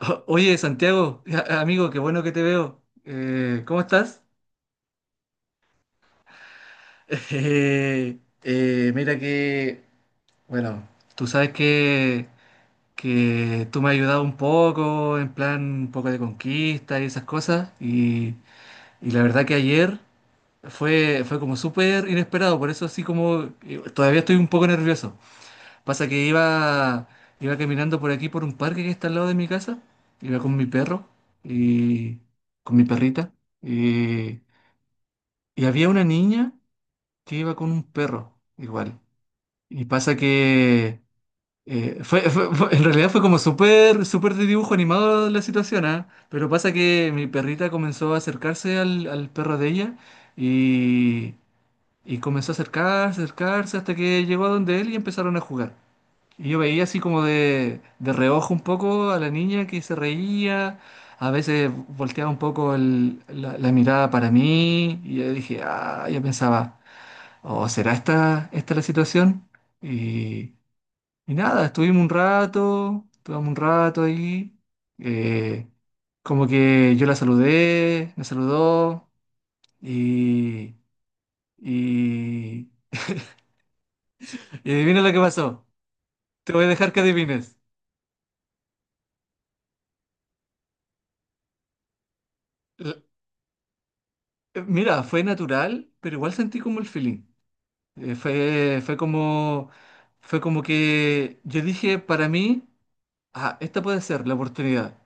Oye, Santiago, amigo, qué bueno que te veo. ¿Cómo estás? Eh, mira que, bueno, tú sabes que tú me has ayudado un poco, en plan un poco de conquista y esas cosas, y la verdad que ayer fue como súper inesperado, por eso así como todavía estoy un poco nervioso. Pasa que iba caminando por aquí, por un parque que está al lado de mi casa. Iba con mi perro y con mi perrita. Y, y había una niña que iba con un perro igual. Y pasa que en realidad fue como súper, súper de dibujo animado la situación, ¿ah? Pero pasa que mi perrita comenzó a acercarse al perro de ella y, y comenzó a acercarse, acercarse hasta que llegó a donde él y empezaron a jugar. Y yo veía así como de reojo un poco a la niña que se reía, a veces volteaba un poco la mirada para mí y yo dije, ah, yo pensaba, ¿o será esta la situación? Y, y nada, estuvimos un rato ahí, eh, como que yo la saludé, me saludó y, y, y adivina lo que pasó, te voy a dejar que adivines. Mira, fue natural, pero igual sentí como el feeling. Eh, fue, fue como, fue como que yo dije para mí, ah, esta puede ser la oportunidad,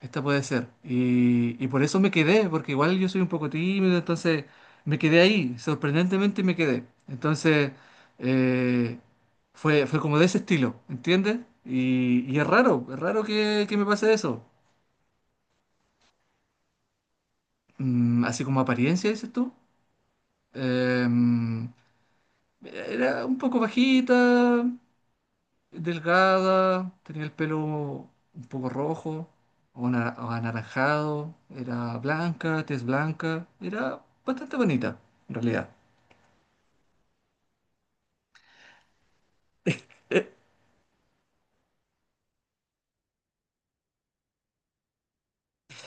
esta puede ser. Y por eso me quedé, porque igual yo soy un poco tímido, entonces me quedé ahí, sorprendentemente me quedé. Entonces eh, fue como de ese estilo, ¿entiendes? Y es raro que me pase eso. Mm, así como apariencia, dices tú. Em, Era un poco bajita, delgada, tenía el pelo un poco rojo o anaranjado, era blanca, tez blanca, era bastante bonita en realidad.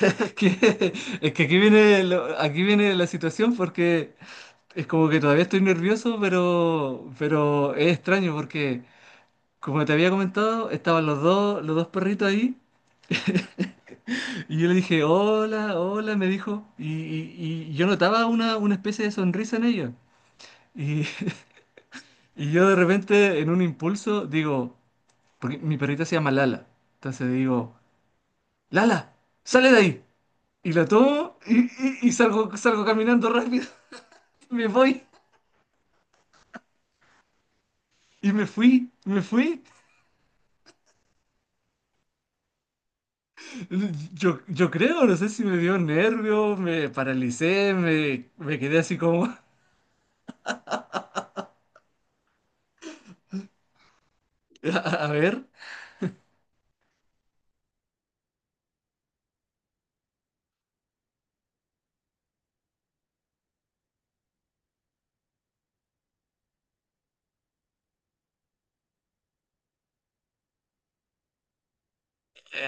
Es que, es que aquí viene la situación porque es como que todavía estoy nervioso, pero es extraño porque, como te había comentado, estaban los dos perritos ahí. Y yo le dije, hola, hola, me dijo. Y yo notaba una especie de sonrisa en ella. Y, y yo de repente, en un impulso, digo, porque mi perrita se llama Lala. Entonces digo, Lala, sale de ahí. Y la tomo y salgo, salgo caminando rápido. Me voy. Y me fui, me fui. Yo creo, no sé si me dio nervio, me paralicé, me quedé así como, a, a ver,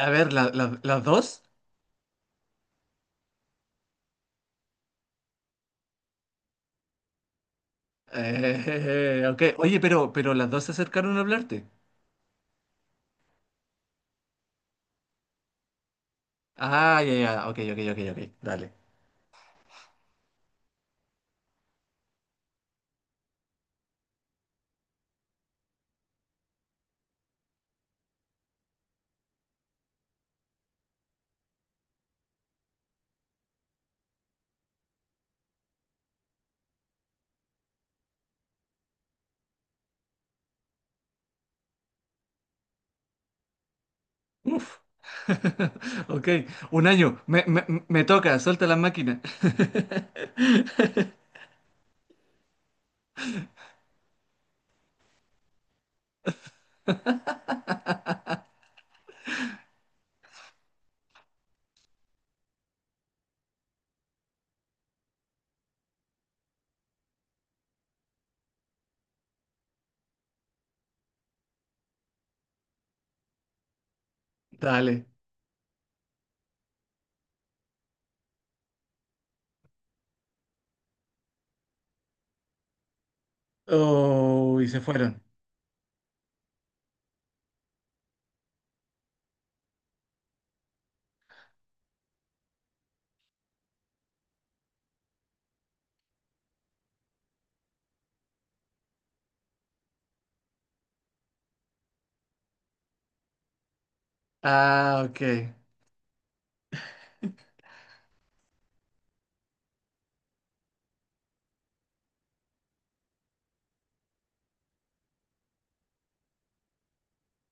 a ver, las dos. Ok, oye, pero las dos se acercaron a hablarte. Ah, ya, ya, ok, ok, ok, ok, dale. Uf. Ok, un año, me toca, suelta la máquina. Dale. Oh, y se fueron. Ah, ok.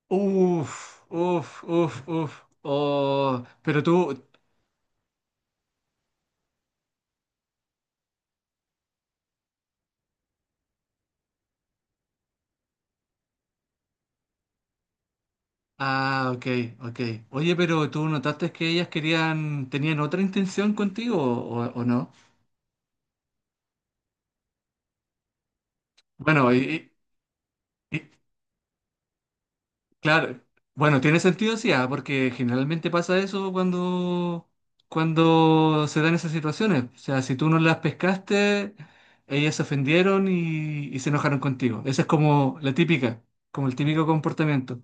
Uf, uf, uf, uf. Oh, pero tú. Ah, ok, ok. Oye, pero tú notaste que ellas querían, tenían otra intención contigo o, ¿o no? Bueno, y, y- claro, bueno, tiene sentido, sí, ah, porque generalmente pasa eso cuando, cuando se dan esas situaciones. O sea, si tú no las pescaste, ellas se ofendieron y se enojaron contigo. Esa es como la típica, como el típico comportamiento.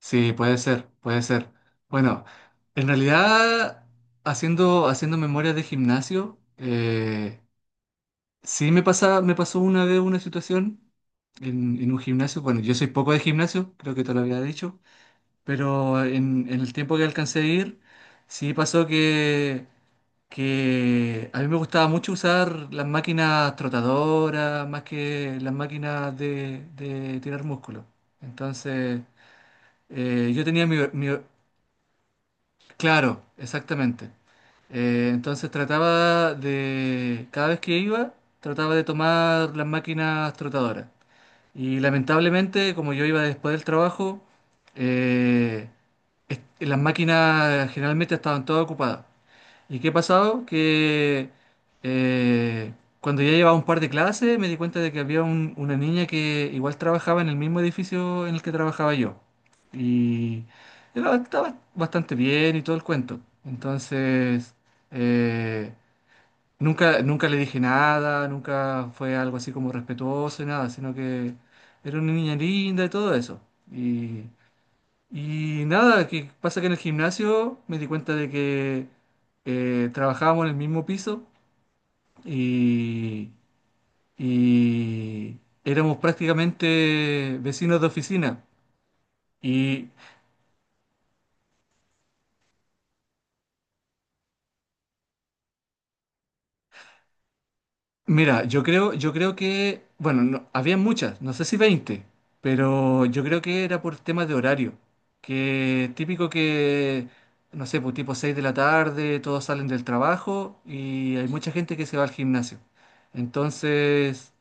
Sí, puede ser, puede ser. Bueno, en realidad, haciendo memoria de gimnasio, sí me pasa, me pasó una vez una situación en un gimnasio. Bueno, yo soy poco de gimnasio, creo que te lo había dicho. Pero en el tiempo que alcancé a ir, sí pasó que a mí me gustaba mucho usar las máquinas trotadoras más que las máquinas de tirar músculo. Entonces, yo tenía mi, mi- claro, exactamente. Entonces trataba de, cada vez que iba, trataba de tomar las máquinas trotadoras. Y lamentablemente, como yo iba después del trabajo, eh, las máquinas generalmente estaban todas ocupadas. ¿Y qué ha pasado? Que eh, cuando ya llevaba un par de clases me di cuenta de que había una niña que igual trabajaba en el mismo edificio en el que trabajaba yo. Y estaba bastante bien y todo el cuento. Entonces, eh, nunca, nunca le dije nada, nunca fue algo así como respetuoso y nada, sino que era una niña linda y todo eso. Y, y nada, que pasa que en el gimnasio me di cuenta de que trabajábamos en el mismo piso y, y éramos prácticamente vecinos de oficina. Y mira, yo creo que, bueno, había muchas, no sé si 20, pero yo creo que era por temas de horario, que típico que, no sé, pues tipo 6 de la tarde, todos salen del trabajo y hay mucha gente que se va al gimnasio. Entonces,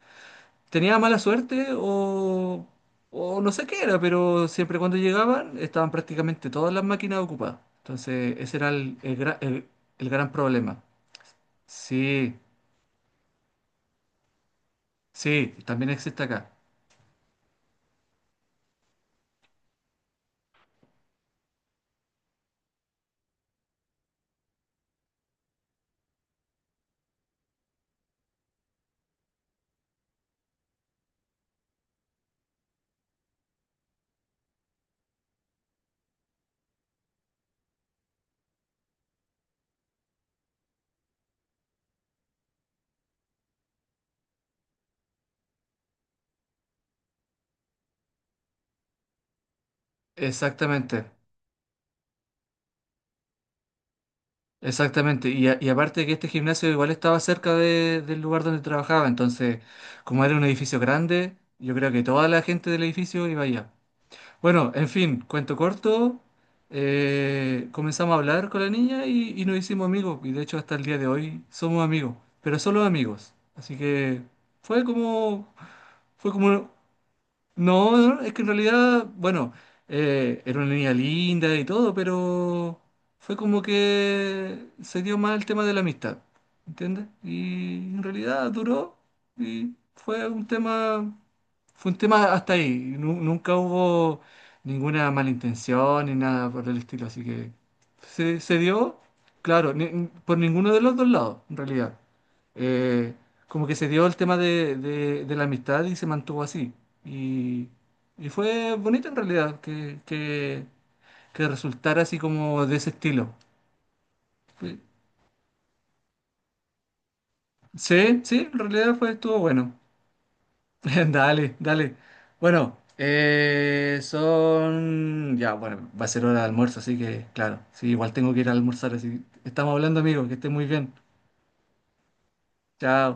tenía mala suerte o no sé qué era, pero siempre cuando llegaban estaban prácticamente todas las máquinas ocupadas. Entonces, ese era el gran problema. Sí, sí, también existe acá. Exactamente, exactamente. Y, y aparte que este gimnasio igual estaba cerca del lugar donde trabajaba, entonces como era un edificio grande, yo creo que toda la gente del edificio iba allá. Bueno, en fin, cuento corto, comenzamos a hablar con la niña y nos hicimos amigos, y de hecho hasta el día de hoy somos amigos, pero solo amigos. Así que fue como, fue como no, no, es que en realidad, bueno, era una niña linda y todo, pero fue como que se dio más el tema de la amistad, ¿entiendes? Y en realidad duró y fue un tema hasta ahí. Nunca hubo ninguna malintención ni nada por el estilo, así que se dio, claro, por ninguno de los dos lados, en realidad. Eh, como que se dio el tema de, de la amistad y se mantuvo así. Y, y fue bonito en realidad que resultara así como de ese estilo. Fue- sí, sí, en realidad fue, estuvo bueno. Dale, dale. Bueno, son... Ya, bueno, va a ser hora de almuerzo, así que claro, sí, igual tengo que ir a almorzar, así. Estamos hablando, amigo, que estés muy bien. Chao.